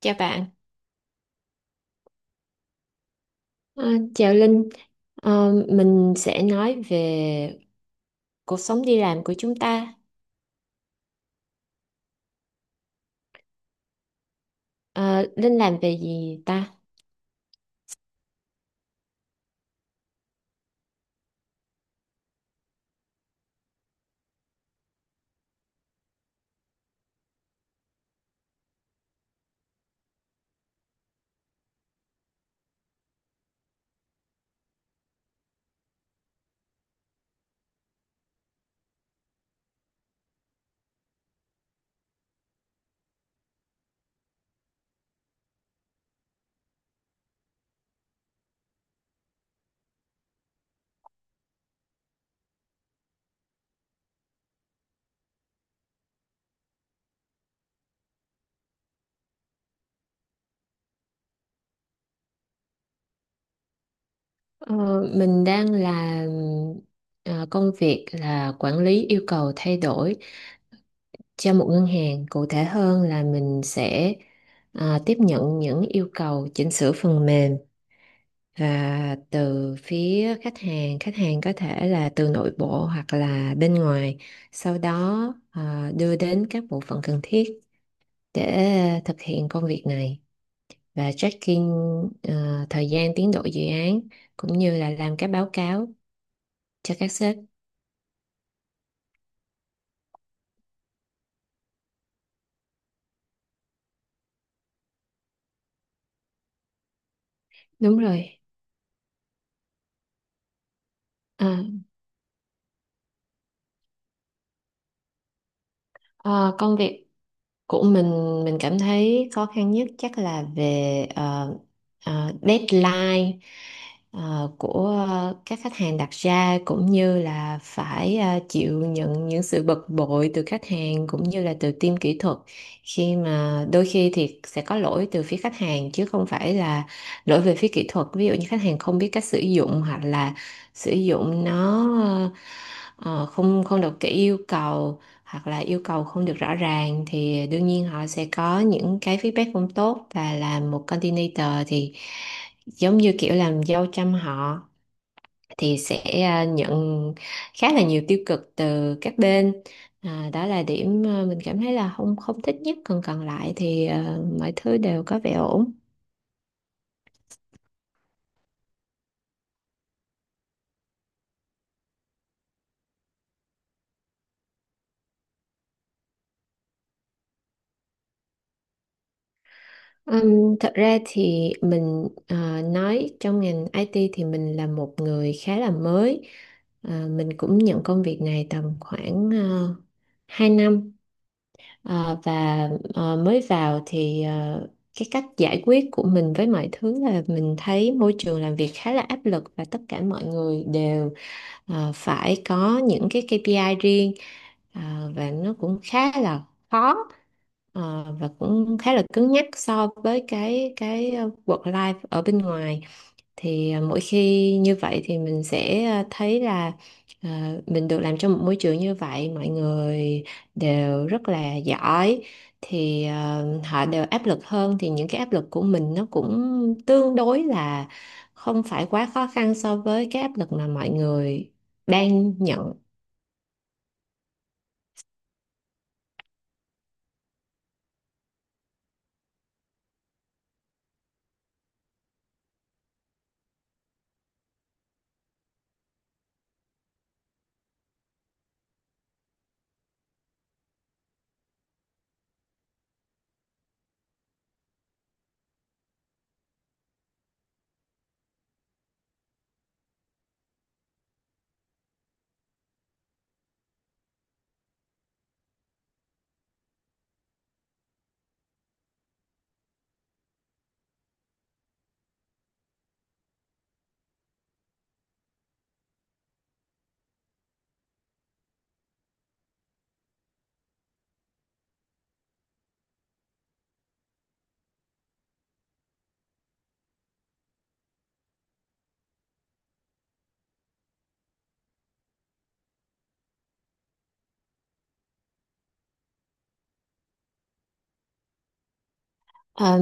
Chào bạn. À, Chào Linh. Mình sẽ nói về cuộc sống đi làm của chúng ta. Ờ, Linh làm về gì ta? Ờ, mình đang làm công việc là quản lý yêu cầu thay đổi cho một ngân hàng. Cụ thể hơn là mình sẽ tiếp nhận những yêu cầu chỉnh sửa phần mềm từ phía khách hàng, khách hàng có thể là từ nội bộ hoặc là bên ngoài, sau đó đưa đến các bộ phận cần thiết để thực hiện công việc này và tracking thời gian tiến độ dự án cũng như là làm các báo cáo cho các sếp. Đúng rồi. à, Công việc của mình cảm thấy khó khăn nhất chắc là về deadline của các khách hàng đặt ra, cũng như là phải chịu nhận những sự bực bội từ khách hàng cũng như là từ team kỹ thuật, khi mà đôi khi thì sẽ có lỗi từ phía khách hàng chứ không phải là lỗi về phía kỹ thuật. Ví dụ như khách hàng không biết cách sử dụng hoặc là sử dụng nó không không được kỹ yêu cầu hoặc là yêu cầu không được rõ ràng, thì đương nhiên họ sẽ có những cái feedback không tốt, và làm một coordinator thì giống như kiểu làm dâu trăm họ, thì sẽ nhận khá là nhiều tiêu cực từ các bên. Đó là điểm mình cảm thấy là không không thích nhất, còn còn lại thì mọi thứ đều có vẻ ổn. Thật ra thì mình nói trong ngành IT thì mình là một người khá là mới. Ờ, mình cũng nhận công việc này tầm khoảng 2 năm. Ờ, và mới vào thì cái cách giải quyết của mình với mọi thứ là mình thấy môi trường làm việc khá là áp lực và tất cả mọi người đều phải có những cái KPI riêng. Ờ, và nó cũng khá là khó. Ờ, và cũng khá là cứng nhắc so với cái work life ở bên ngoài, thì mỗi khi như vậy thì mình sẽ thấy là mình được làm trong một môi trường như vậy, mọi người đều rất là giỏi, thì họ đều áp lực hơn thì những cái áp lực của mình nó cũng tương đối là không phải quá khó khăn so với cái áp lực mà mọi người đang nhận. Ờ,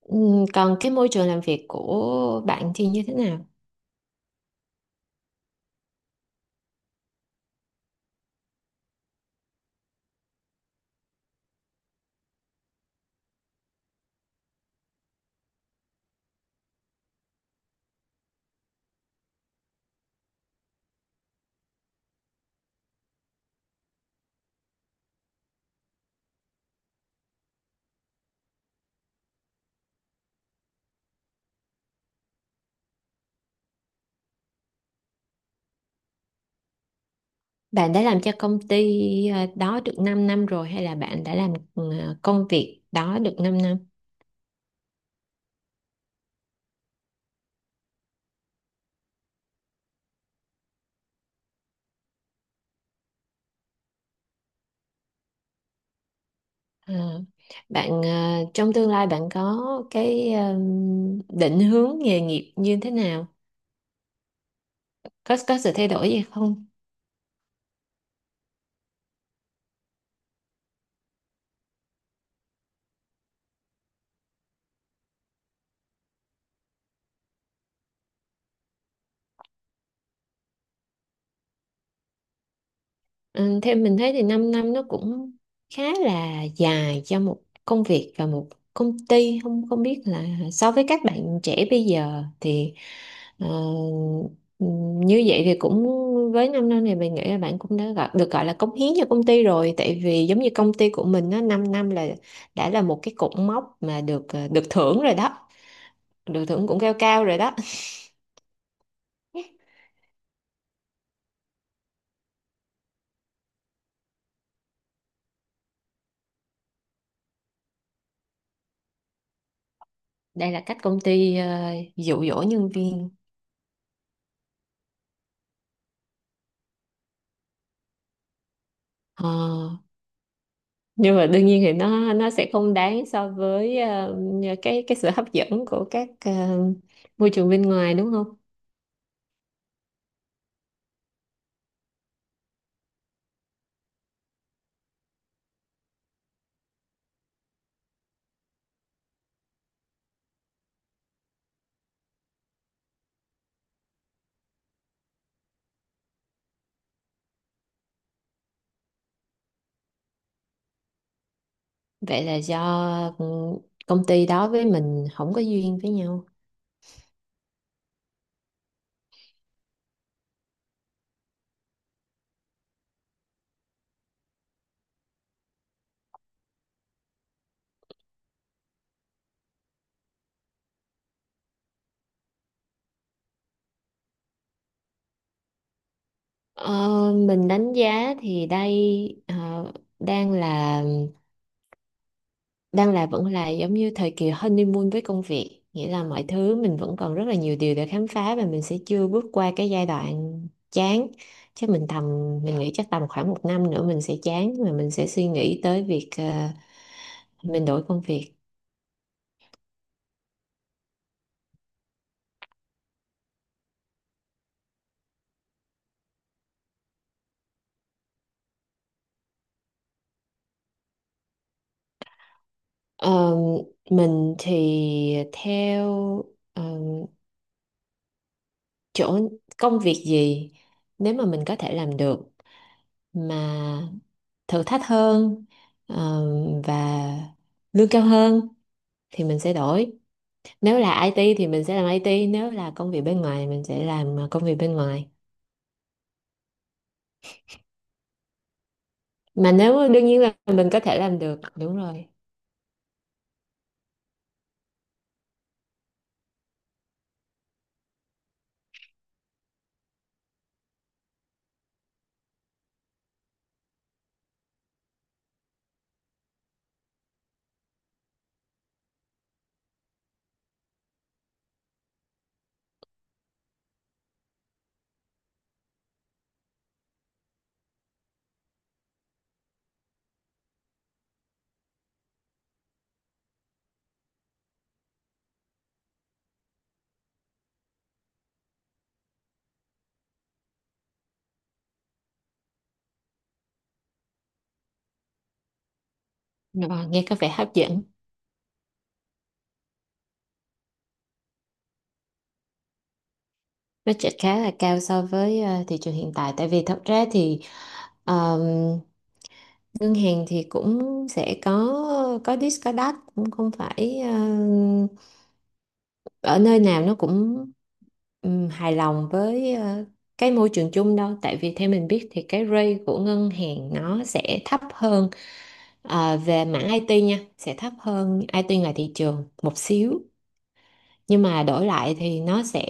còn cái môi trường làm việc của bạn thì như thế nào? Bạn đã làm cho công ty đó được 5 năm rồi hay là bạn đã làm công việc đó được 5 năm? Ờ, bạn trong tương lai bạn có cái định hướng nghề nghiệp như thế nào? Có sự thay đổi gì không? Ừ, theo mình thấy thì 5 năm nó cũng khá là dài cho một công việc và một công ty. Không không biết là so với các bạn trẻ bây giờ thì ờ, ừ, như vậy thì cũng, với 5 năm này mình nghĩ là bạn cũng đã gọi, được gọi là cống hiến cho công ty rồi, tại vì giống như công ty của mình á, 5 năm là đã là một cái cột mốc mà được được thưởng rồi đó, được thưởng cũng cao cao rồi đó. Đây là cách công ty dụ dỗ nhân viên. Ờ, nhưng mà đương nhiên thì nó sẽ không đáng so với cái sự hấp dẫn của các môi trường bên ngoài đúng không? Vậy là do, ừ, công ty đó với mình không có duyên với nhau. Ờ, mình đánh giá thì đây đang là đang là vẫn là giống như thời kỳ honeymoon với công việc, nghĩa là mọi thứ mình vẫn còn rất là nhiều điều để khám phá và mình sẽ chưa bước qua cái giai đoạn chán. Chắc mình tầm Mình nghĩ chắc tầm khoảng một năm nữa mình sẽ chán và mình sẽ suy nghĩ tới việc mình đổi công việc. Ờ, mình thì theo ờ, chỗ công việc gì nếu mà mình có thể làm được mà thử thách hơn ờ, và lương cao hơn thì mình sẽ đổi. Nếu là IT thì mình sẽ làm IT, nếu là công việc bên ngoài mình sẽ làm công việc bên ngoài, mà nếu đương nhiên là mình có thể làm được. Đúng rồi. Ờ, nghe có vẻ hấp dẫn. Budget khá là cao so với thị trường hiện tại, tại vì thật ra thì ờ, ngân hàng thì cũng sẽ có discount, cũng không phải ở nơi nào nó cũng hài lòng với cái môi trường chung đâu, tại vì theo mình biết thì cái rate của ngân hàng nó sẽ thấp hơn, về mảng IT nha, sẽ thấp hơn IT ngoài thị trường một xíu. Nhưng mà đổi lại thì nó sẽ,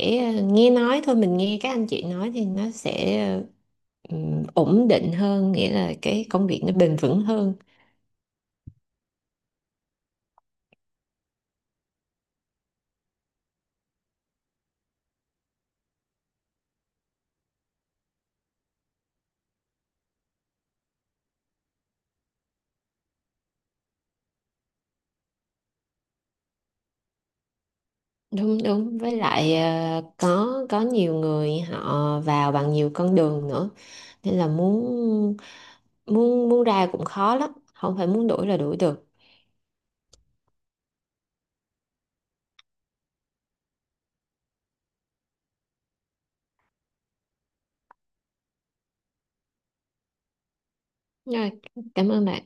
nghe nói thôi, mình nghe các anh chị nói thì nó sẽ ổn định hơn, nghĩa là cái công việc nó bền vững hơn. Đúng. Với lại có nhiều người họ vào bằng nhiều con đường nữa, nên là muốn muốn muốn ra cũng khó lắm, không phải muốn đuổi là đuổi được. Rồi, cảm ơn bạn.